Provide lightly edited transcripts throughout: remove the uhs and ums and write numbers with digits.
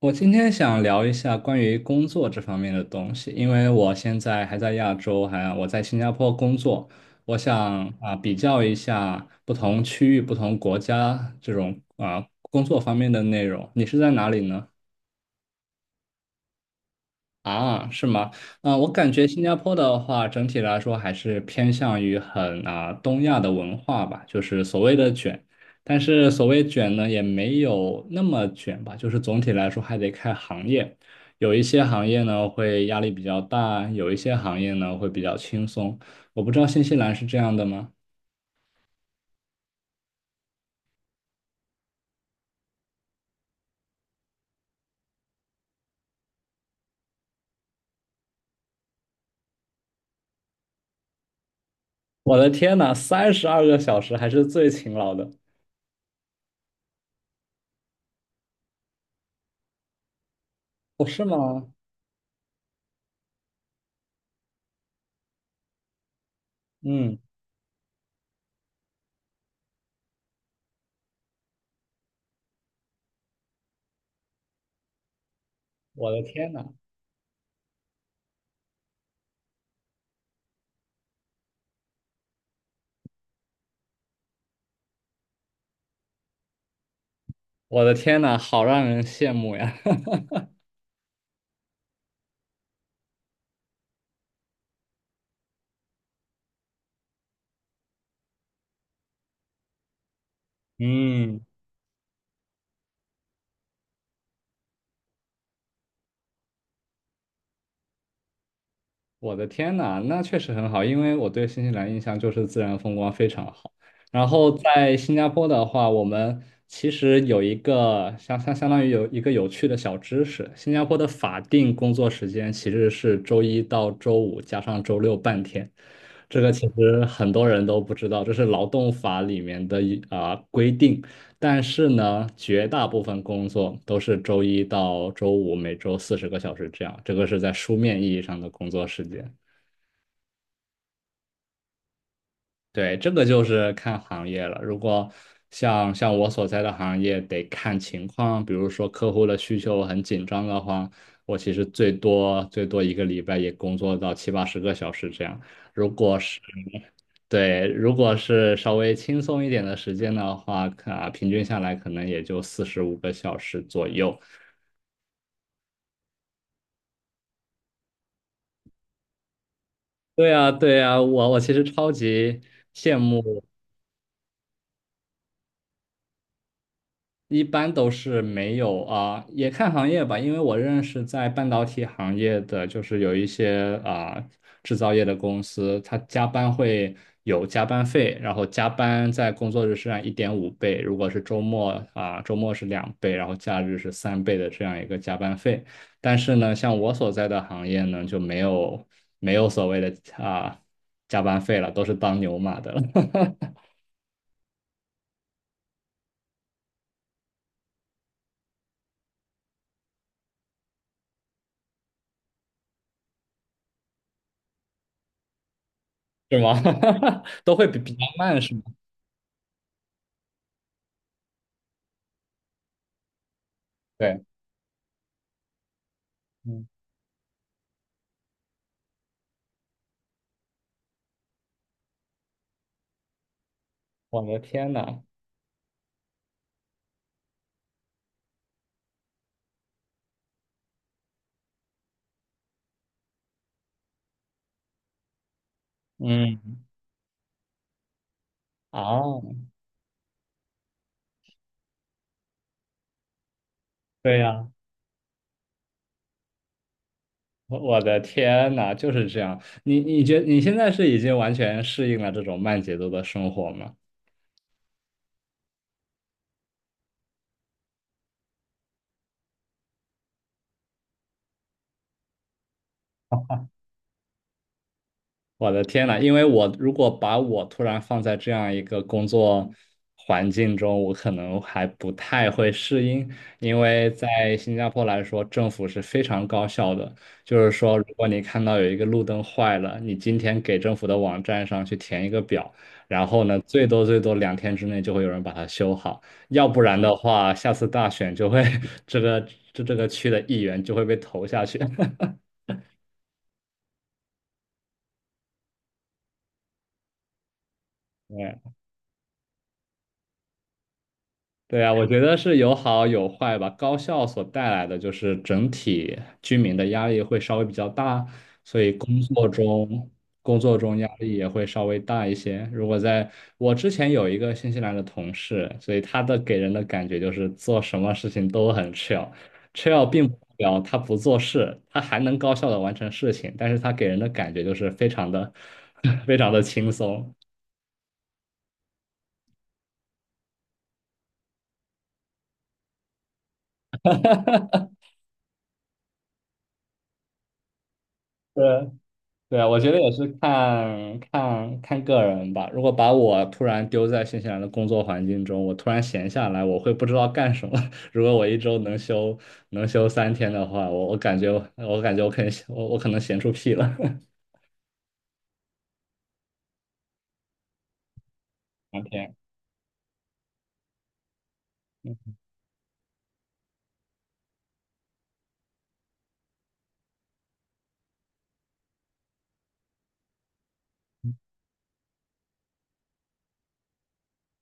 我今天想聊一下关于工作这方面的东西，因为我现在还在亚洲，我在新加坡工作，我想比较一下不同区域、不同国家这种工作方面的内容。你是在哪里呢？啊，是吗？嗯、我感觉新加坡的话，整体来说还是偏向于很东亚的文化吧，就是所谓的卷，但是所谓卷呢，也没有那么卷吧，就是总体来说还得看行业，有一些行业呢会压力比较大，有一些行业呢会比较轻松。我不知道新西兰是这样的吗？我的天呐，32个小时还是最勤劳的，哦，是吗？嗯，我的天呐，我的天呐，好让人羡慕呀。嗯。我的天呐，那确实很好，因为我对新西兰印象就是自然风光非常好。然后在新加坡的话，我们其实有一个相当于有一个有趣的小知识，新加坡的法定工作时间其实是周一到周五加上周六半天，这个其实很多人都不知道，这是劳动法里面的规定。但是呢，绝大部分工作都是周一到周五，每周40个小时这样，这个是在书面意义上的工作时间。对，这个就是看行业了。如果像我所在的行业，得看情况。比如说客户的需求很紧张的话，我其实最多最多一个礼拜也工作到七八十个小时这样。如果是对，如果是稍微轻松一点的时间的话，平均下来可能也就45个小时左右。对呀，对呀，我其实超级羡慕。一般都是没有啊，也看行业吧，因为我认识在半导体行业的，就是有一些制造业的公司，它加班会有加班费，然后加班在工作日是按1.5倍，如果是周末啊，周末是2倍，然后假日是3倍的这样一个加班费。但是呢，像我所在的行业呢，就没有所谓的啊加班费了，都是当牛马的了。是吗？都会比较慢，是吗？对。嗯我的天呐。嗯，啊，对呀，我的天呐，就是这样。你现在是已经完全适应了这种慢节奏的生活吗？我的天呐，因为我如果把我突然放在这样一个工作环境中，我可能还不太会适应。因为在新加坡来说，政府是非常高效的，就是说，如果你看到有一个路灯坏了，你今天给政府的网站上去填一个表，然后呢，最多最多2天之内就会有人把它修好，要不然的话，下次大选就会 这个这个区的议员就会被投下去。对对啊，我觉得是有好有坏吧。高校所带来的就是整体居民的压力会稍微比较大，所以工作中压力也会稍微大一些。如果在我之前有一个新西兰的同事，所以他的给人的感觉就是做什么事情都很 chill，chill 并不代表他不做事，他还能高效的完成事情，但是他给人的感觉就是非常的 非常的轻松。对，对啊，我觉得也是看个人吧。如果把我突然丢在新西兰的工作环境中，我突然闲下来，我会不知道干什么。如果我一周能休能休3天的话，我感觉我感觉我可能我可能闲出屁了 2天。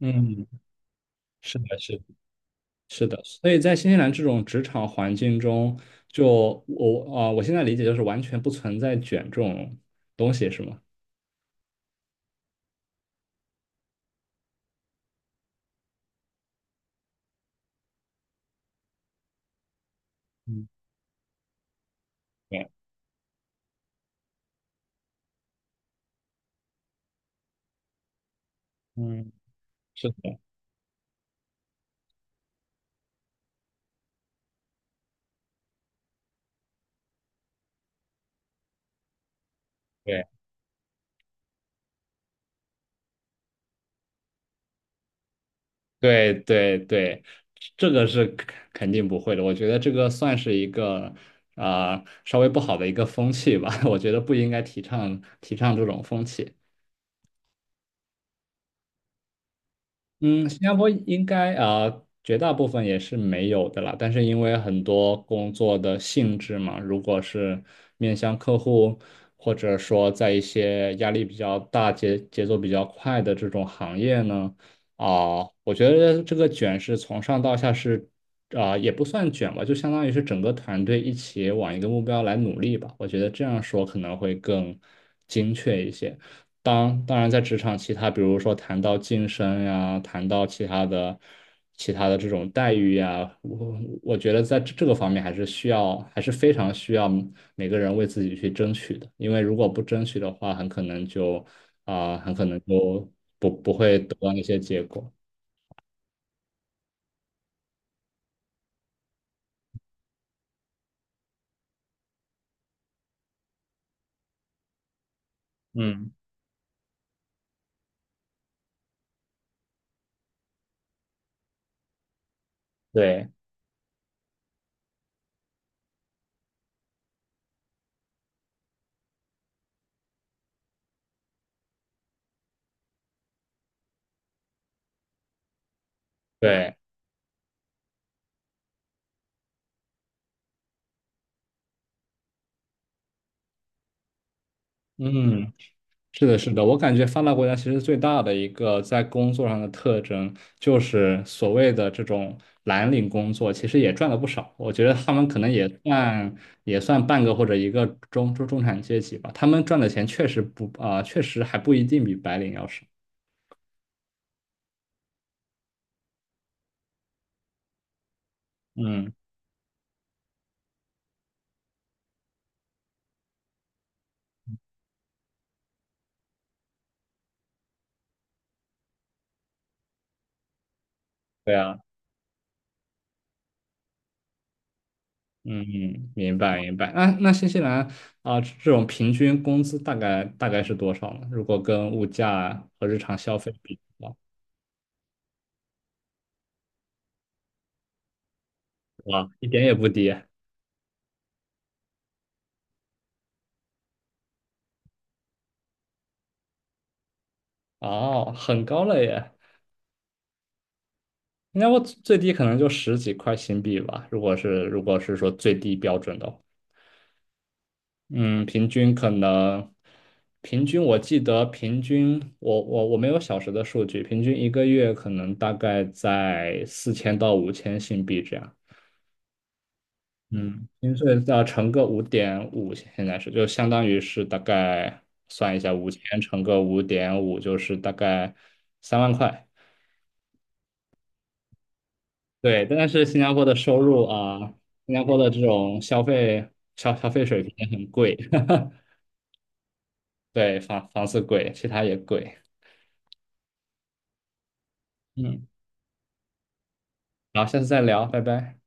嗯，是的，是的，是的，所以在新西兰这种职场环境中，就我现在理解就是完全不存在卷这种东西，是吗？嗯，对，嗯，是的，对。对对对，这个是肯定不会的。我觉得这个算是一个稍微不好的一个风气吧。我觉得不应该提倡这种风气。嗯，新加坡应该绝大部分也是没有的啦，但是因为很多工作的性质嘛，如果是面向客户，或者说在一些压力比较大、节奏比较快的这种行业呢，我觉得这个卷是从上到下是也不算卷吧，就相当于是整个团队一起往一个目标来努力吧，我觉得这样说可能会更精确一些。当然，在职场其他，比如说谈到晋升呀，谈到其他的、其他的这种待遇呀，我觉得在这个方面还是需要，还是非常需要每个人为自己去争取的。因为如果不争取的话，很可能就很可能就不会得到那些结果。嗯，对对，嗯。是的，是的，我感觉发达国家其实最大的一个在工作上的特征，就是所谓的这种蓝领工作，其实也赚了不少。我觉得他们可能也算半个或者一个中产阶级吧，他们赚的钱确实不确实还不一定比白领要少。嗯，对啊，嗯嗯，明白明白。那新西兰这种平均工资大概是多少呢？如果跟物价和日常消费比的话，哇，一点也不低。哦，很高了耶！应该我最低可能就十几块新币吧，如果是说最低标准的话。嗯，平均可能平均我记得平均我没有小时的数据，平均一个月可能大概在4000到5000新币这样。嗯，薪水要乘个五点五，现在是就相当于是大概算一下，五千乘个五点五就是大概3万块。对，但是新加坡的收入啊，新加坡的这种消费水平也很贵。对，房子贵，其他也贵。嗯，好，下次再聊，拜拜。